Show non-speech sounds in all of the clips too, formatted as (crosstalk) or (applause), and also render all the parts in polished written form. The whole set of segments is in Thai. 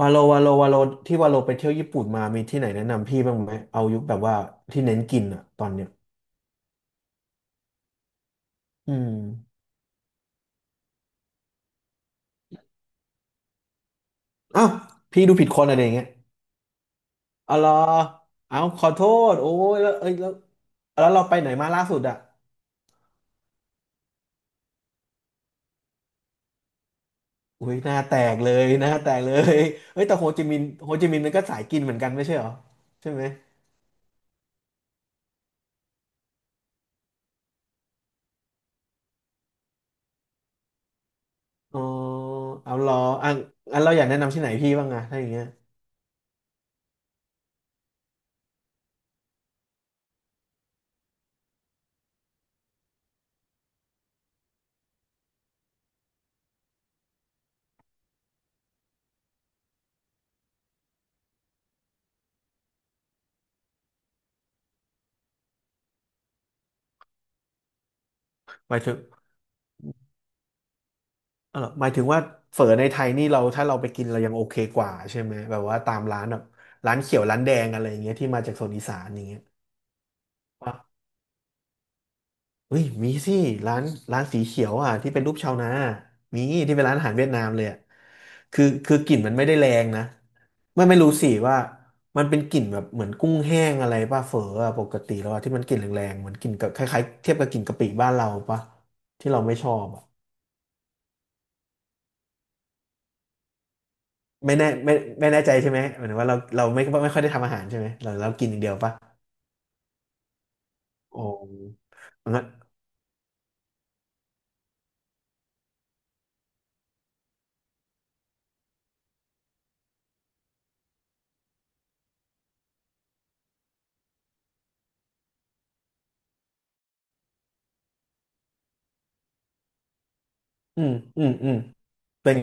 วาโลวาโลวาโลที่วาโลไปเที่ยวญี่ปุ่นมามีที่ไหนแนะนำพี่บ้างไหมเอายุคแบบว่าที่เน้นกินอะตอนเนี้ยอืมอ้าวพี่ดูผิดคนอะไรอย่างเงี้ยอ๋อเหรอเอาขอโทษโอ้ยแล้วเอ้ยแล้วเราไปไหนมาล่าสุดอะอุ้ยหน้าแตกเลยหน้าแตกเลยเอ้ยแต่โฮจิมินห์โฮจิมินห์มันก็สายกินเหมือนกันไม่ใช่เหรอใช่ไหมอ๋อเอาเหรออ่ะงั้นเราอยากแนะนำที่ไหนพี่บ้างอะถ้าอย่างเงี้ยไปถึง เออหมายถึงว่าเฝอในไทยนี่เราถ้าเราไปกินเรายังโอเคกว่าใช่ไหมแบบว่าตามร้านแบบร้านเขียวร้านแดงอะไรอย่างเงี้ยที่มาจากโซนอีสานอย่างเงี้ยปะเฮ้ยมีสิร้านร้านสีเขียวอ่ะที่เป็นรูปชาวนามีที่เป็นร้านอาหารเวียดนามเลยอ่ะคือกลิ่นมันไม่ได้แรงนะไม่รู้สิว่ามันเป็นกลิ่นแบบเหมือนกุ้งแห้งอะไรป่ะเฝออะปกติแล้วอะที่มันกลิ่นแรงๆเหมือนกลิ่นกับคล้ายๆเทียบกับกลิ่นกะปิบ้านเราป่ะที่เราไม่ชอบอะ ไม่แน่ไม่แน่ใจใช่ไหมหมายถึงว่าเราไม่ค่อยได้ทำอาหารใช่ไหมเรากินอย่างเดียวปะโอ้งั้นอืม อืม อืมเป็น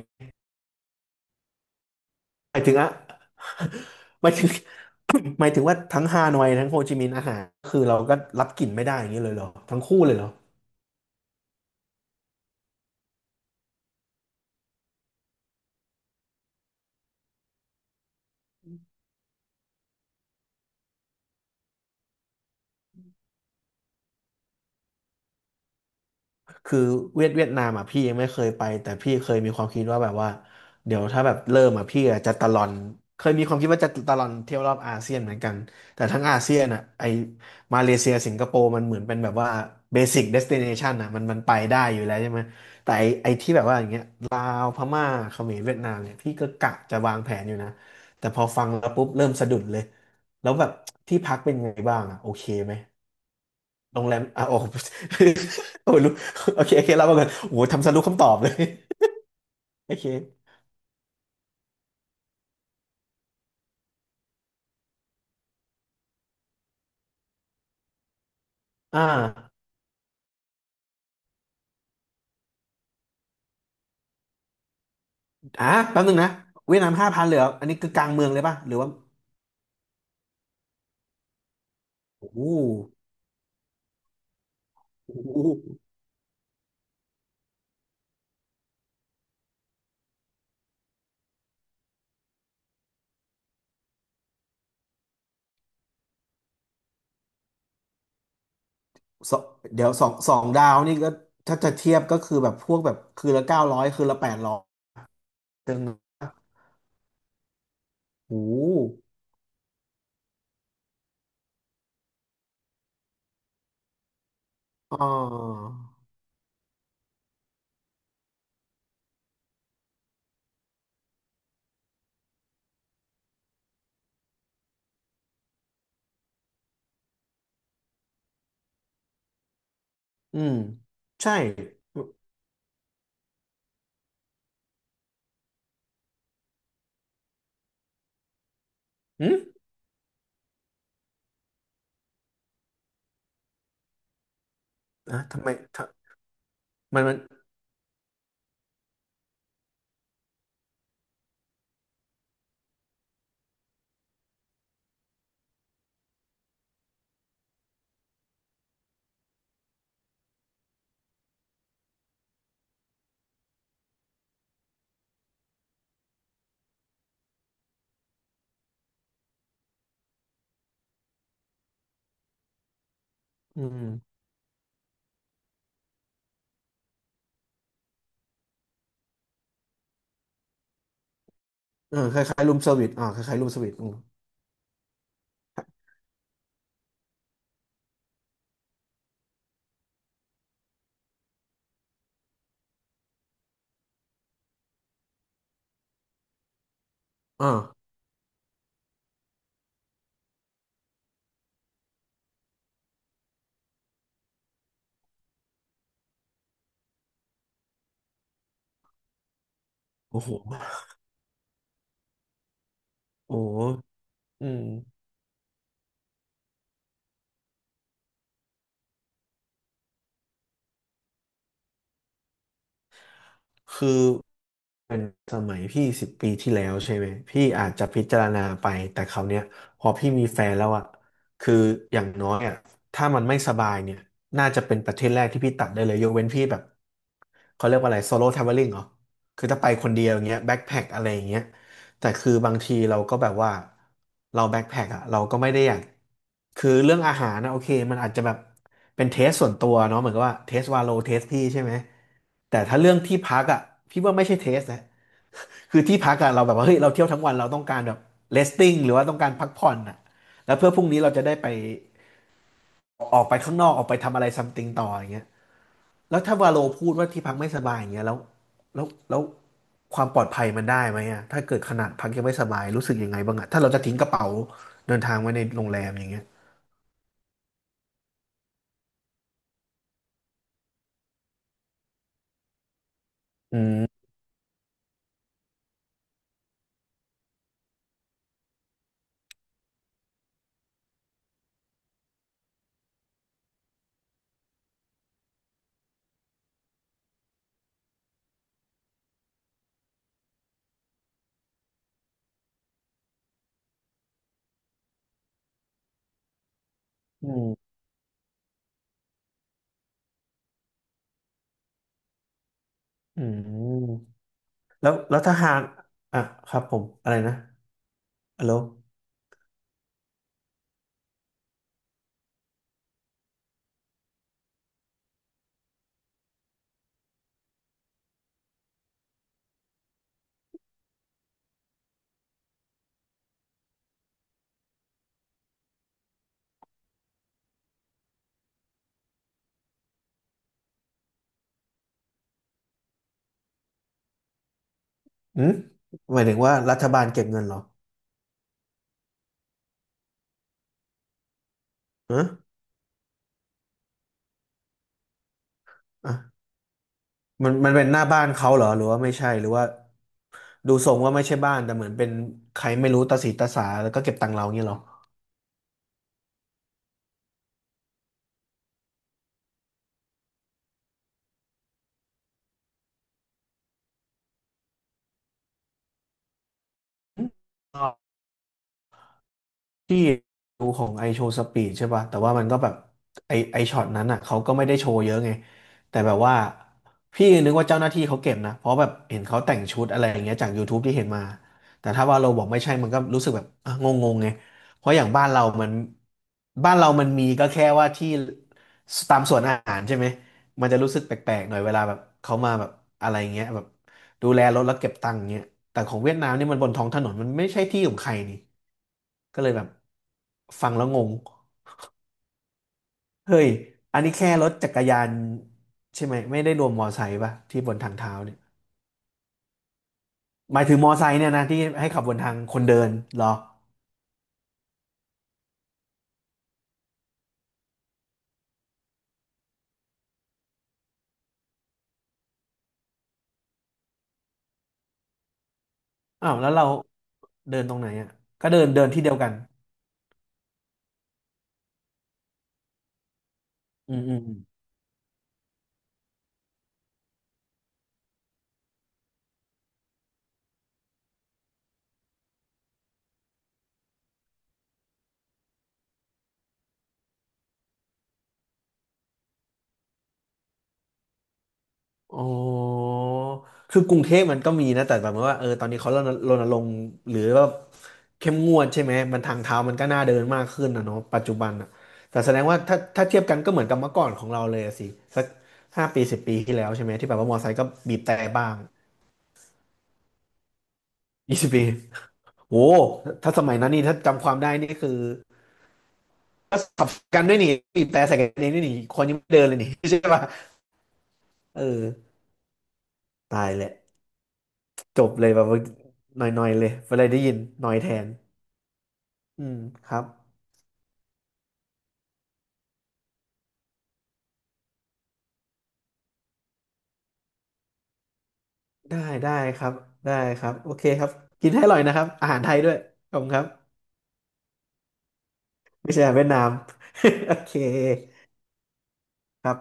หมายถึงอะ (laughs) หมายถึง (coughs) หมายถึงว่าทั้งฮานอยทั้งโฮจิมินห์อาหารคือเราก็รับกลิ่นไม่ได้อย่างนี้เลยเหรอทั้งคู่เลยเหรอ คือเวียดนามอ่ะพี่ยังไม่เคยไปแต่พี่เคยมีความคิดว่าแบบว่าเดี๋ยวถ้าแบบเริ่มอ่ะพี่อะจะตะลอนเคยมีความคิดว่าจะตะลอนเที่ยวรอบอาเซียนเหมือนกันแต่ทั้งอาเซียนอ่ะไอมาเลเซียสิงคโปร์มันเหมือนเป็นแบบว่าเบสิ c เดสติเนชันอ่ะมันไปได้อยู่แล้วใช่ไหมแต่ไอที่แบบว่าอย่างเงี้ยลาวพม่าเขมรเวียดนามเนี่ยพี่ก็กะจะวางแผนอยู่นะแต่พอฟังแล้วปุ๊บเริ่มสะดุดเลยแล้วแบบที่พักเป็นไงบ้างอ่ะโอเคไหม โรงแรมอ่ะโอ้โห (laughs) โอ้โหรู้โอเคโอเคเรามาก่อนโอ้โหทำสรุปคำตอบเลย (laughs) โอเคอ่าอ่ะแป๊บนึงนะเวียดนาม5,000เลยเหรออันนี้คือกลางเมืองเลยป่ะหรือว่าโอ้โหโอ้โหสองเดี๋ยวสองดาวนี่ก็ถ้าจะเทียบก็คือแบบพวกแบบคืนละ900คืนละ800เจังโอ้โหอ่าอืมใช่อืมอ่ะทำไมทำมันอืมเออคล้ายๆรูมเซอร์วิสอ่าคล้ายๆรูมเซอร์วิสอืมอ่าโอ้โห โอ้อืมคือเป็นสมัยพี่สิบปีที่แล้วใช่ไหม พี่อาจจะพิจารณาไป แต่คราวเนี้ยพอพี่มีแฟนแล้วอะคืออย่างน้อยอะถ้ามันไม่สบายเนี่ยน่าจะเป็นประเทศแรกที่พี่ตัดได้เลยยกเว้นพี่แบบเขาเรียกว่าอะไรโซโล่ท r a v e l ลิ n งเหรอ คือถ้าไปคนเดียวอย่างเงี้ยแบ็คแพ็คอะไรอย่างเงี้ย แต่คือบางทีเราก็แบบว่าเราแบ็คแพ็คอะเราก็ไม่ได้อยากคือเรื่องอาหารนะโอเคมันอาจจะแบบเป็นเทสส่วนตัวเนาะเหมือนกับว่าเทสวาโลเทสพี่ใช่ไหมแต่ถ้าเรื่องที่พักอะพี่ว่าไม่ใช่เทสนะคือที่พักอะเราแบบว่าเฮ้ยเราเที่ยวทั้งวันเราต้องการแบบเรสติ้งหรือว่าต้องการพักผ่อนอะแล้วเพื่อพรุ่งนี้เราจะได้ไปออกไปข้างนอกออกไปทำอะไรซัมติงต่ออย่างเงี้ย แล้วถ้าวาโลพูดว่าที่พักไม่สบายอย่างเงี้ยแล้วแล้วความปลอดภัยมันได้ไหมอะถ้าเกิดขนาดพักยังไม่สบายรู้สึกยังไงบ้างอะถ้าเราจะทิ้งกระเป๋าเดินทางไว้ในโรงแรมอย่างเงี้ยอืมอืมอืมแล้วถ้าหากอ่ะครับผมอะไรนะฮัลโหลอืมหมายถึงว่ารัฐบาลเก็บเงินเหรอฮะอ่ะมันเป็นหน้าบ้านเขาเหรอหรือว่าไม่ใช่หรือว่าดูทรงว่าไม่ใช่บ้านแต่เหมือนเป็นใครไม่รู้ตาสีตาสาแล้วก็เก็บตังค์เราเงี้ยเหรอ ที่ดูของไอโชว์สปีดใช่ป่ะแต่ว่ามันก็แบบไอช็อตนั้นอ่ะเขาก็ไม่ได้โชว์เยอะไงแต่แบบว่าพี่นึกว่าเจ้าหน้าที่เขาเก็บนะเพราะแบบเห็นเขาแต่งชุดอะไรอย่างเงี้ยจากยูทูบที่เห็นมาแต่ถ้าว่าเราบอกไม่ใช่มันก็รู้สึกแบบอ่ะงงๆไงเพราะอย่างบ้านเรามันมีก็แค่ว่าที่ตามสวนอาหารใช่ไหมมันจะรู้สึกแปลกๆหน่อยเวลาแบบเขามาแบบอะไรเงี้ยแบบดูแลรถแล้วเก็บตังค์เงี้ยแต่ของเวียดนามนี่มันบนท้องถนนมันไม่ใช่ที่ของใครนี่ ก็เลยแบบฟังแล้วงง เฮ้ย อันนี้แค่รถจักรยานใช่ไหมไม่ได้รวมมอไซค์ป่ะที่บนทางเท้าเนี่ยหมายถึงมอไซค์เนี่ยนะที่ให้ขับบนทางคนเดินเหรออ้าวแล้วเราเดินตรงไหนอ่ะก็เดินเดินที่เดียวกันอืมอืม อ๋อ คือกรุงเทพมันก็มีนะแต่แบบว่าเออตอนนี้เขารณรงค์หรือว่าเข้มงวดใช่ไหมมันทางเท้ามันก็น่าเดินมากขึ้นนะเนาะปัจจุบันอ่ะแต่แสดงว่าถ้าเทียบกันก็เหมือนกับเมื่อก่อนของเราเลยอะสิสัก5 ปีสิบปีที่แล้วใช่ไหมที่แบบว่ามอไซค์ก็บีบแต่บ้าง20 ปีโอ้ถ้าสมัยนั้นนี่ถ้าจำความได้นี่คือก็ขับกันด้วยนี่บีบแต่ใส่กันเองด้วยนี่คนยังไม่เดินเลยนี่ (laughs) ใช่ป่ะเออตายแหละจบเลยแบบว่าหน่อยๆเลยเวลาได้ยินหน่อยแทน อืมครับได้ได้ครับได้ครับโอเคครับกินให้อร่อยนะครับอาหารไทยด้วยขอบคุณครับไม่ใช่อาหารเวียดนาม (laughs) โอเคครับ